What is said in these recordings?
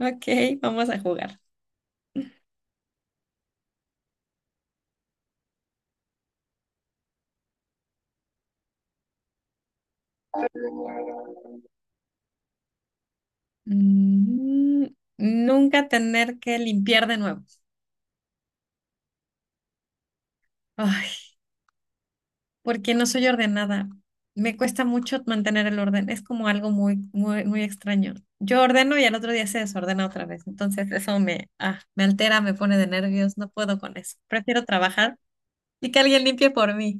Ok, vamos a jugar. Mm, Nunca tener que limpiar de nuevo. Ay, porque no soy ordenada. Me cuesta mucho mantener el orden. Es como algo muy, muy, muy extraño. Yo ordeno y al otro día se desordena otra vez. Entonces eso me altera, me pone de nervios. No puedo con eso. Prefiero trabajar y que alguien limpie por mí.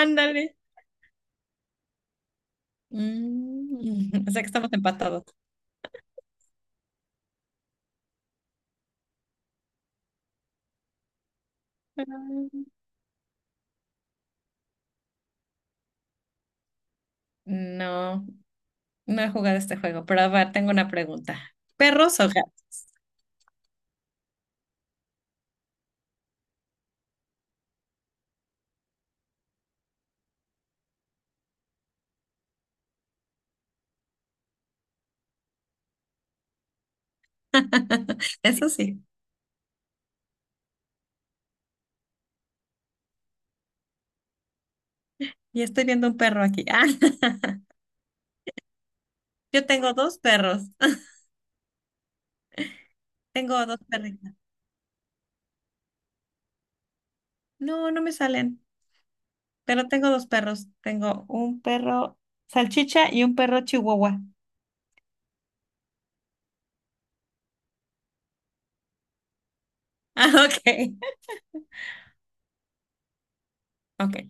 Ándale. O sea que estamos empatados. Mm, no. No he jugado este juego, pero a ver, tengo una pregunta. ¿Perros o gatos? Eso sí, y estoy viendo un perro aquí. Ah, yo tengo dos perros. Tengo dos perritas. No, no me salen, pero tengo dos perros. Tengo un perro salchicha y un perro chihuahua. Ah, ok. Ok.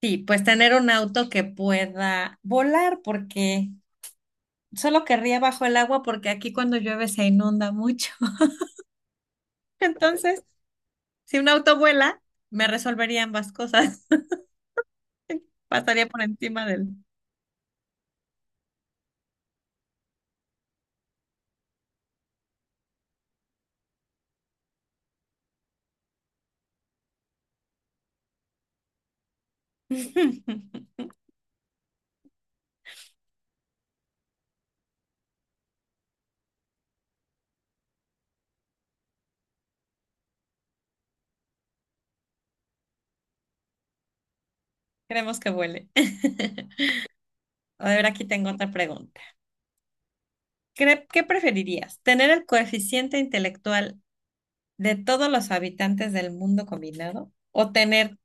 Sí, pues tener un auto que pueda volar porque solo querría bajo el agua porque aquí cuando llueve se inunda mucho. Entonces, si un auto vuela, me resolvería ambas cosas. Pasaría por encima de él. Queremos que vuele. A ver, aquí tengo otra pregunta. ¿Qué preferirías? ¿Tener el coeficiente intelectual de todos los habitantes del mundo combinado o tener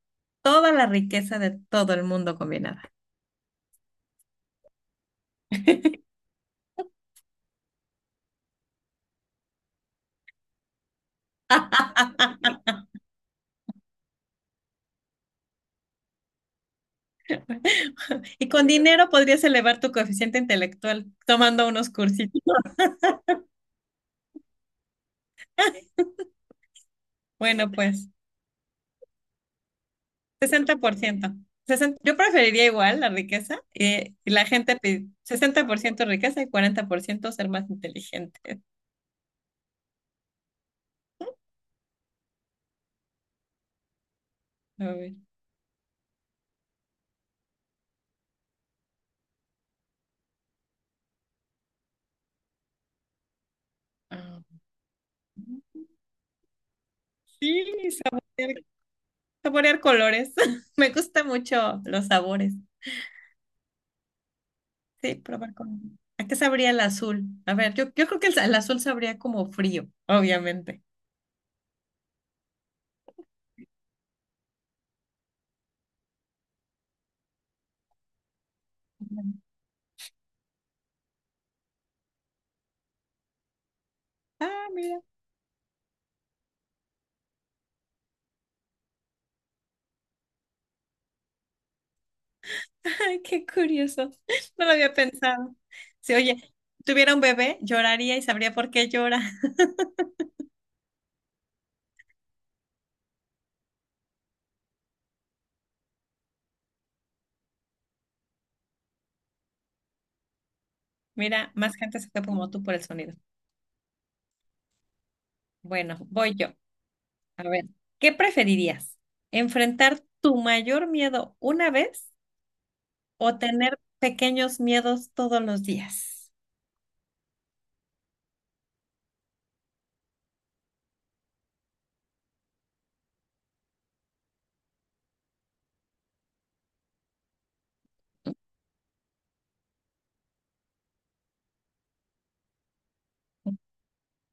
toda la riqueza de todo el mundo combinada? Y con dinero podrías elevar tu coeficiente intelectual tomando unos cursitos. Bueno, pues, 60%, 60. Yo preferiría igual la riqueza, y la gente 60% riqueza y 40% ser más inteligente. A ver. Ah, sí, saborear, saborear colores. Me gusta mucho los sabores. Sí, probar con, ¿a qué sabría el azul? A ver, yo creo que el azul sabría como frío, obviamente. Ah, mira, ay, qué curioso. No lo había pensado. Si, oye, tuviera un bebé, lloraría y sabría por qué llora. Mira, más gente se fue como tú por el sonido. Bueno, voy yo. A ver, ¿qué preferirías? ¿Enfrentar tu mayor miedo una vez o tener pequeños miedos todos los días?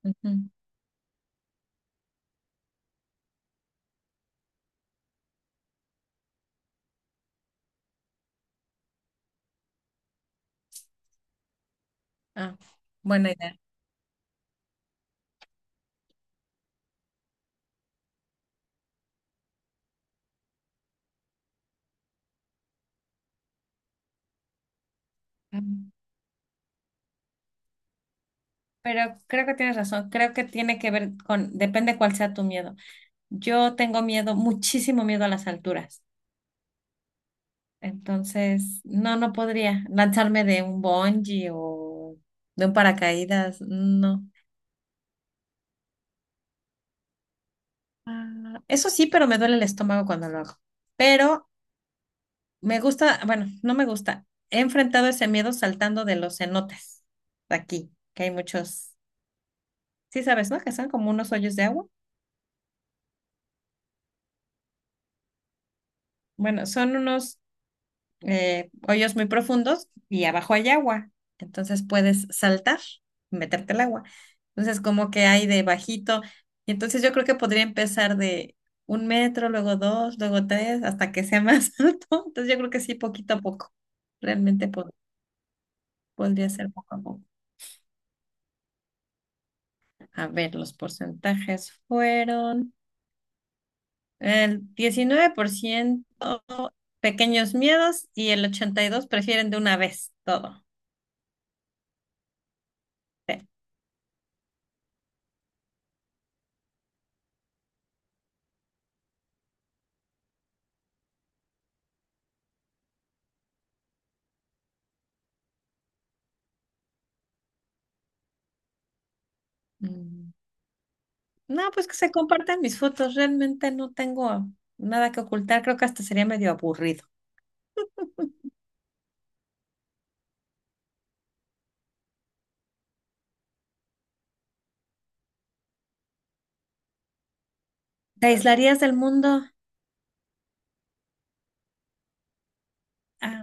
Ujú. Ah, buena idea. Mm. Pero creo que tienes razón. Creo que tiene que ver con, depende cuál sea tu miedo. Yo tengo miedo, muchísimo miedo a las alturas. Entonces, no, no podría lanzarme de un bungee o de un paracaídas. No. Ah, eso sí, pero me duele el estómago cuando lo hago. Pero me gusta, bueno, no me gusta. He enfrentado ese miedo saltando de los cenotes de aquí, que hay muchos, sí sabes, ¿no? Que son como unos hoyos de agua. Bueno, son unos hoyos muy profundos y abajo hay agua. Entonces puedes saltar y meterte al agua. Entonces, como que hay de bajito. Y entonces yo creo que podría empezar de 1 metro, luego dos, luego tres, hasta que sea más alto. Entonces yo creo que sí, poquito a poco. Realmente podría ser poco a poco. A ver, los porcentajes fueron el 19% pequeños miedos y el 82% prefieren de una vez todo. Sí. Mm. No, pues que se compartan mis fotos. Realmente no tengo nada que ocultar. Creo que hasta sería medio aburrido. ¿Te aislarías del mundo? Ah.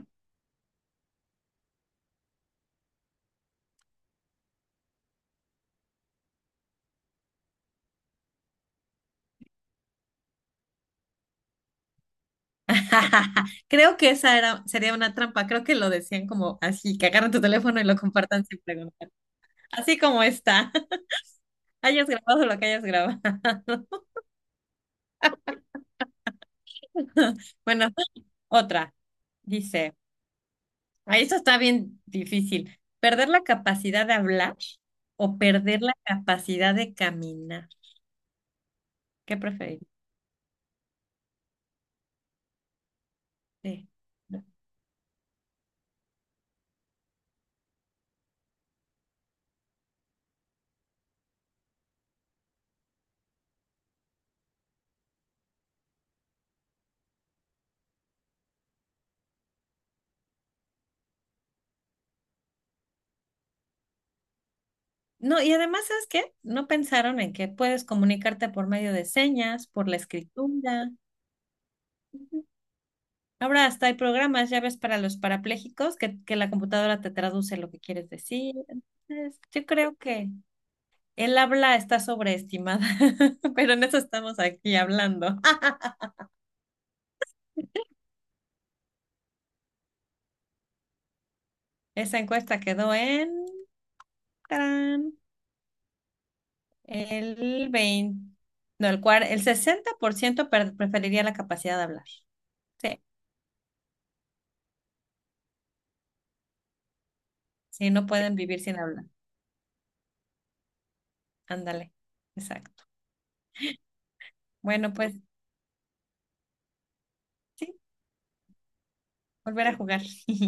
Creo que esa era, sería una trampa. Creo que lo decían como así, que agarran tu teléfono y lo compartan sin preguntar. Así como está. Hayas grabado lo que hayas grabado. Bueno, otra. Dice, ah, eso está bien difícil. ¿Perder la capacidad de hablar o perder la capacidad de caminar? ¿Qué preferirías? Sí. No, y además, ¿sabes qué? No pensaron en que puedes comunicarte por medio de señas, por la escritura. Ujú. Ahora hasta hay programas, ya ves, para los parapléjicos que la computadora te traduce lo que quieres decir. Entonces, yo creo que el habla está sobreestimada, pero en eso estamos aquí hablando. Esa encuesta quedó en tarán, el 20, no, el 60% preferiría la capacidad de hablar. Sí, sí, no pueden vivir sin hablar. Ándale, exacto. Bueno, pues sí, volver a jugar.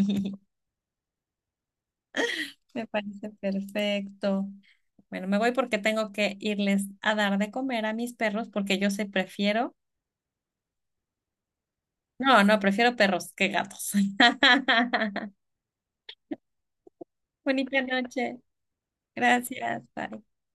Me parece perfecto. Bueno, me voy porque tengo que irles a dar de comer a mis perros porque yo sé prefiero. No, no, prefiero perros que gatos. Bonita noche. Gracias. Bye.